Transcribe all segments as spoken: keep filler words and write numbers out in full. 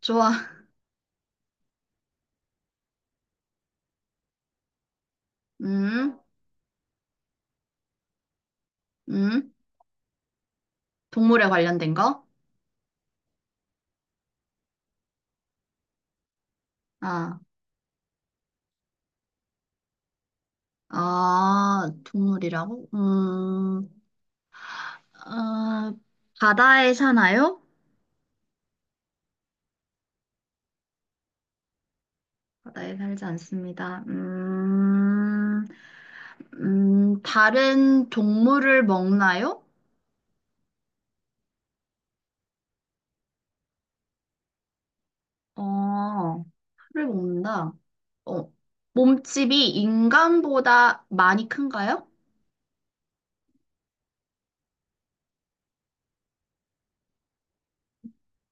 좋아. 음, 음. 동물에 관련된 거? 아, 아, 동물이라고? 음, 어, 바다에 사나요? 바다에 살지 않습니다. 음, 음, 다른 동물을 먹나요? 어, 풀을 먹는다. 어, 몸집이 인간보다 많이 큰가요?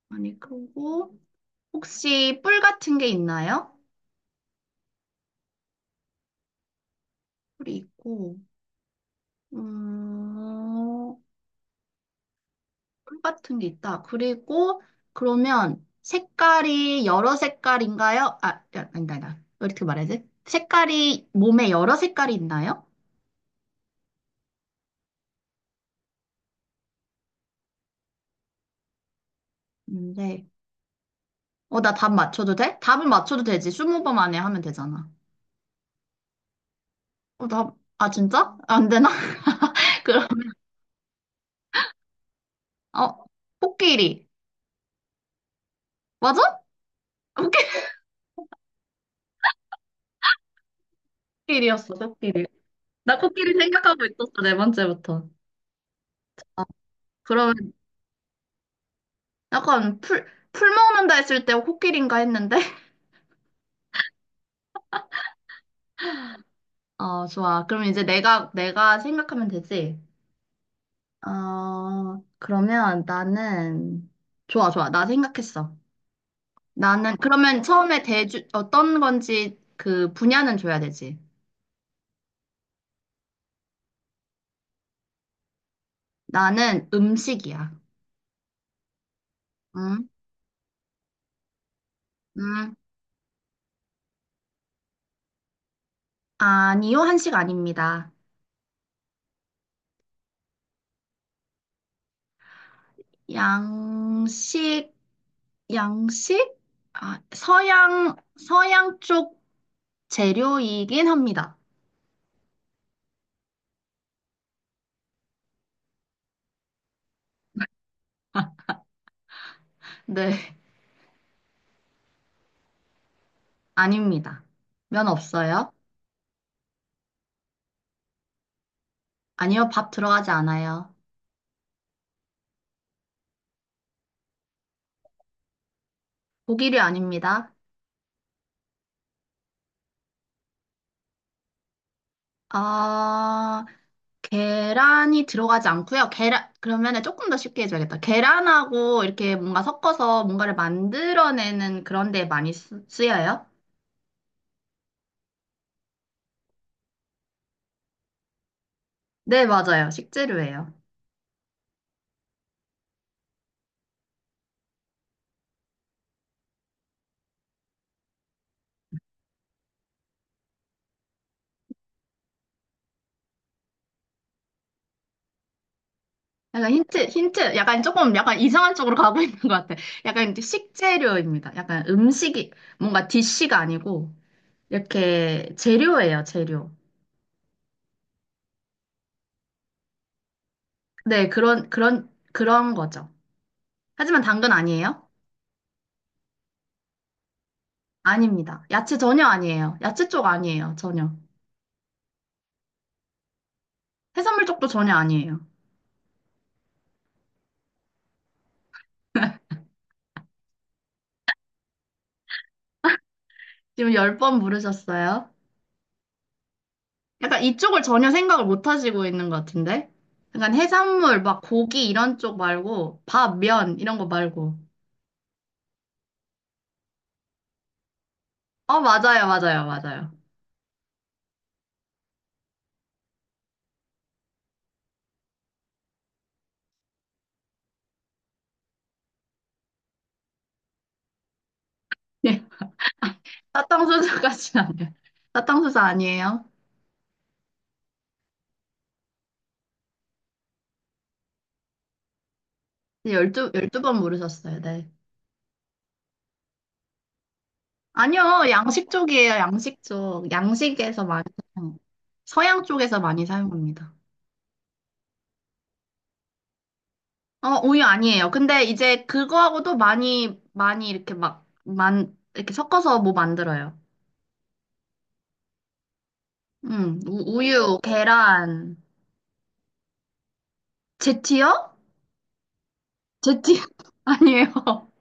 많이 크고, 혹시 뿔 같은 게 있나요? 뿔이 있고, 음, 꿀 같은 게 있다. 그리고 그러면 색깔이 여러 색깔인가요? 아, 야, 아니다, 아니다. 왜 이렇게 말야지 색깔이 몸에 여러 색깔이 있나요? 근데 어, 나 답 맞춰도 돼? 답을 맞춰도 되지. 스무 번 안에 하면 되잖아. 어, 답, 아, 진짜? 안 되나? 그럼, 어, 코끼리. 맞아? 코끼리였어, 코끼리. 나 코끼리 생각하고 있었어, 네 번째부터. 아, 그러면 약간 풀, 풀 먹는다 했을 때 코끼리인가 했는데? 어, 좋아. 그럼 이제 내가, 내가 생각하면 되지? 어, 그러면 나는, 좋아, 좋아. 나 생각했어. 나는, 그러면 처음에 대주, 어떤 건지 그 분야는 줘야 되지. 나는 음식이야. 응? 응? 아니요, 한식 아닙니다. 양식, 양식? 아, 서양, 서양 쪽 재료이긴 합니다. 네, 아닙니다. 면 없어요? 아니요, 밥 들어가지 않아요. 고기류 아닙니다. 아, 계란이 들어가지 않고요. 계란, 그러면 조금 더 쉽게 해줘야겠다. 계란하고 이렇게 뭔가 섞어서 뭔가를 만들어내는 그런 데 많이 쓰, 여요. 네, 맞아요. 식재료예요. 약간 힌트, 힌트, 약간 조금 약간 이상한 쪽으로 가고 있는 것 같아. 약간 이제 식재료입니다. 약간 음식이, 뭔가 디쉬가 아니고, 이렇게 재료예요, 재료. 네, 그런, 그런, 그런 거죠. 하지만 당근 아니에요? 아닙니다. 야채 전혀 아니에요. 야채 쪽 아니에요. 전혀. 해산물 쪽도 전혀 아니에요. 지금 열 번 물으셨어요. 약간 이쪽을 전혀 생각을 못 하시고 있는 것 같은데? 약간 해산물, 막 고기 이런 쪽 말고, 밥, 면, 이런 거 말고. 어, 맞아요, 맞아요, 맞아요. 예. 사탕수수까지는 아니에요. 사탕수수 아니에요. 열두, 열두 번 물으셨어요, 네. 아니요, 양식 쪽이에요, 양식 쪽. 양식에서 많이 사용해요. 서양 쪽에서 많이 사용합니다. 어, 우유 아니에요. 근데 이제 그거하고도 많이, 많이 이렇게 막, 만, 이렇게 섞어서 뭐 만들어요. 음, 우, 우유, 계란, 제티요? 제티, 아니에요.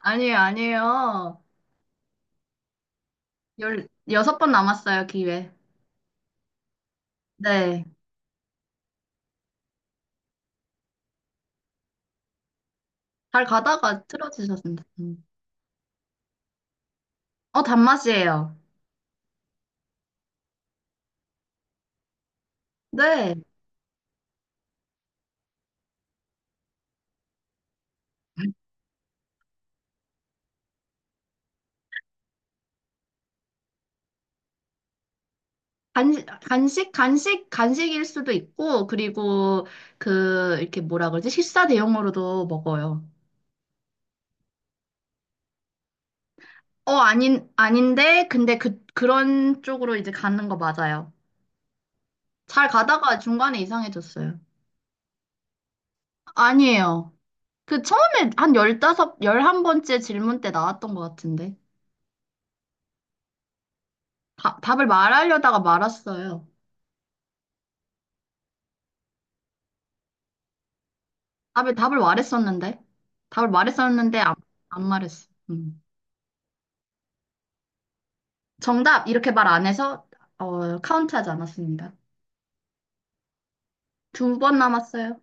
아니에요, 아니에요. 열, 여섯 번 남았어요, 기회. 네. 잘 가다가 틀어지셨습니다. 음. 어, 단맛이에요. 네. 간식, 간식, 간식, 간식일 수도 있고, 그리고 그, 이렇게 뭐라 그러지? 식사 대용으로도 먹어요. 어, 아닌, 아닌데, 근데 그, 그런 쪽으로 이제 가는 거 맞아요. 잘 가다가 중간에 이상해졌어요. 아니에요. 그 처음에 한 열다섯, 열한 번째 질문 때 나왔던 것 같은데. 다, 답을 말하려다가 말았어요. 답을, 답을 말했었는데. 답을 말했었는데, 안, 안 말했어. 음. 정답, 이렇게 말 안 해서, 어, 카운트하지 않았습니다. 두 번 남았어요.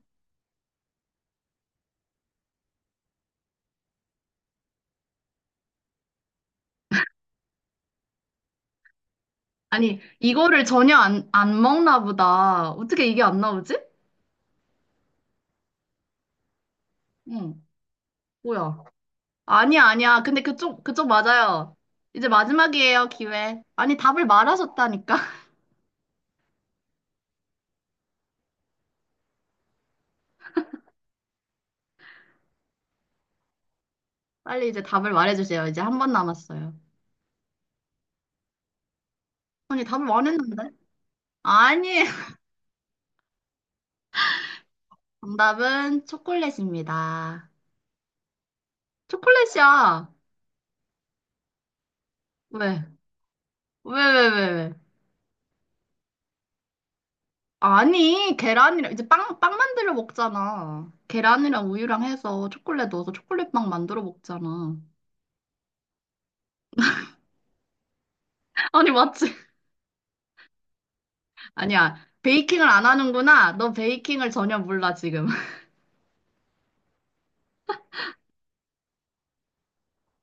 아니, 이거를 전혀 안, 안 먹나 보다. 어떻게 이게 안 나오지? 응, 뭐야. 아니야, 아니야. 근데 그쪽, 그쪽 맞아요. 이제 마지막이에요, 기회. 아니, 답을 말하셨다니까. 빨리 이제 답을 말해주세요. 이제 한 번 남았어요. 아니, 답을 말했는데? 아니, 정답은 초콜릿입니다. 초콜릿이야. 왜? 왜, 왜, 왜, 왜? 아니, 계란이랑, 이제 빵, 빵 만들어 먹잖아. 계란이랑 우유랑 해서 초콜릿 넣어서 초콜릿빵 만들어 먹잖아. 아니, 맞지? 아니야. 베이킹을 안 하는구나. 너 베이킹을 전혀 몰라, 지금.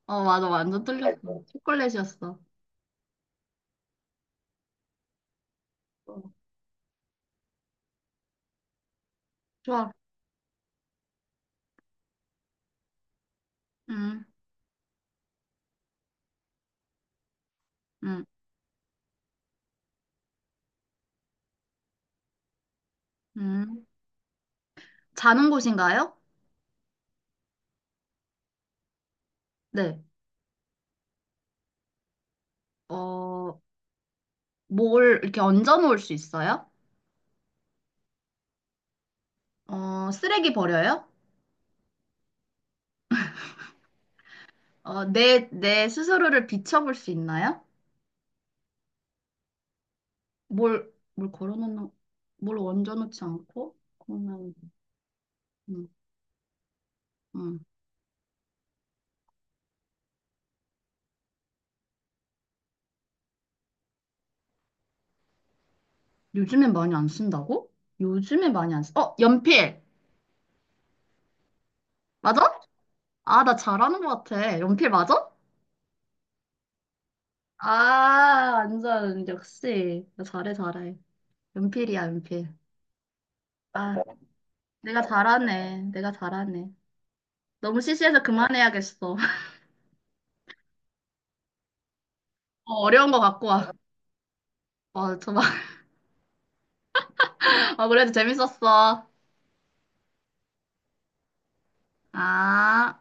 어, 맞아. 완전 뚫렸어. 초콜릿이었어. 어, 좋아. 음, 음, 음. 자는 곳인가요? 네. 어, 뭘 이렇게 얹어 놓을 수 있어요? 어, 쓰레기 버려요? 어, 내, 내 스스로를 비춰볼 수 있나요? 뭘, 뭘 걸어 놓는, 뭘 얹어 놓지 않고? 그러면, 음, 음. 요즘엔 많이 안 쓴다고? 요즘에 많이 안 쓰, 어, 연필! 맞아? 아, 나 잘하는 것 같아. 연필 맞아? 아, 완전, 역시. 잘해, 잘해. 연필이야, 연필. 아, 내가 잘하네. 내가 잘하네. 너무 시시해서 그만해야겠어. 어, 어려운 거 갖고 와. 어, 저 막, 어, 그래도 재밌었어. 아.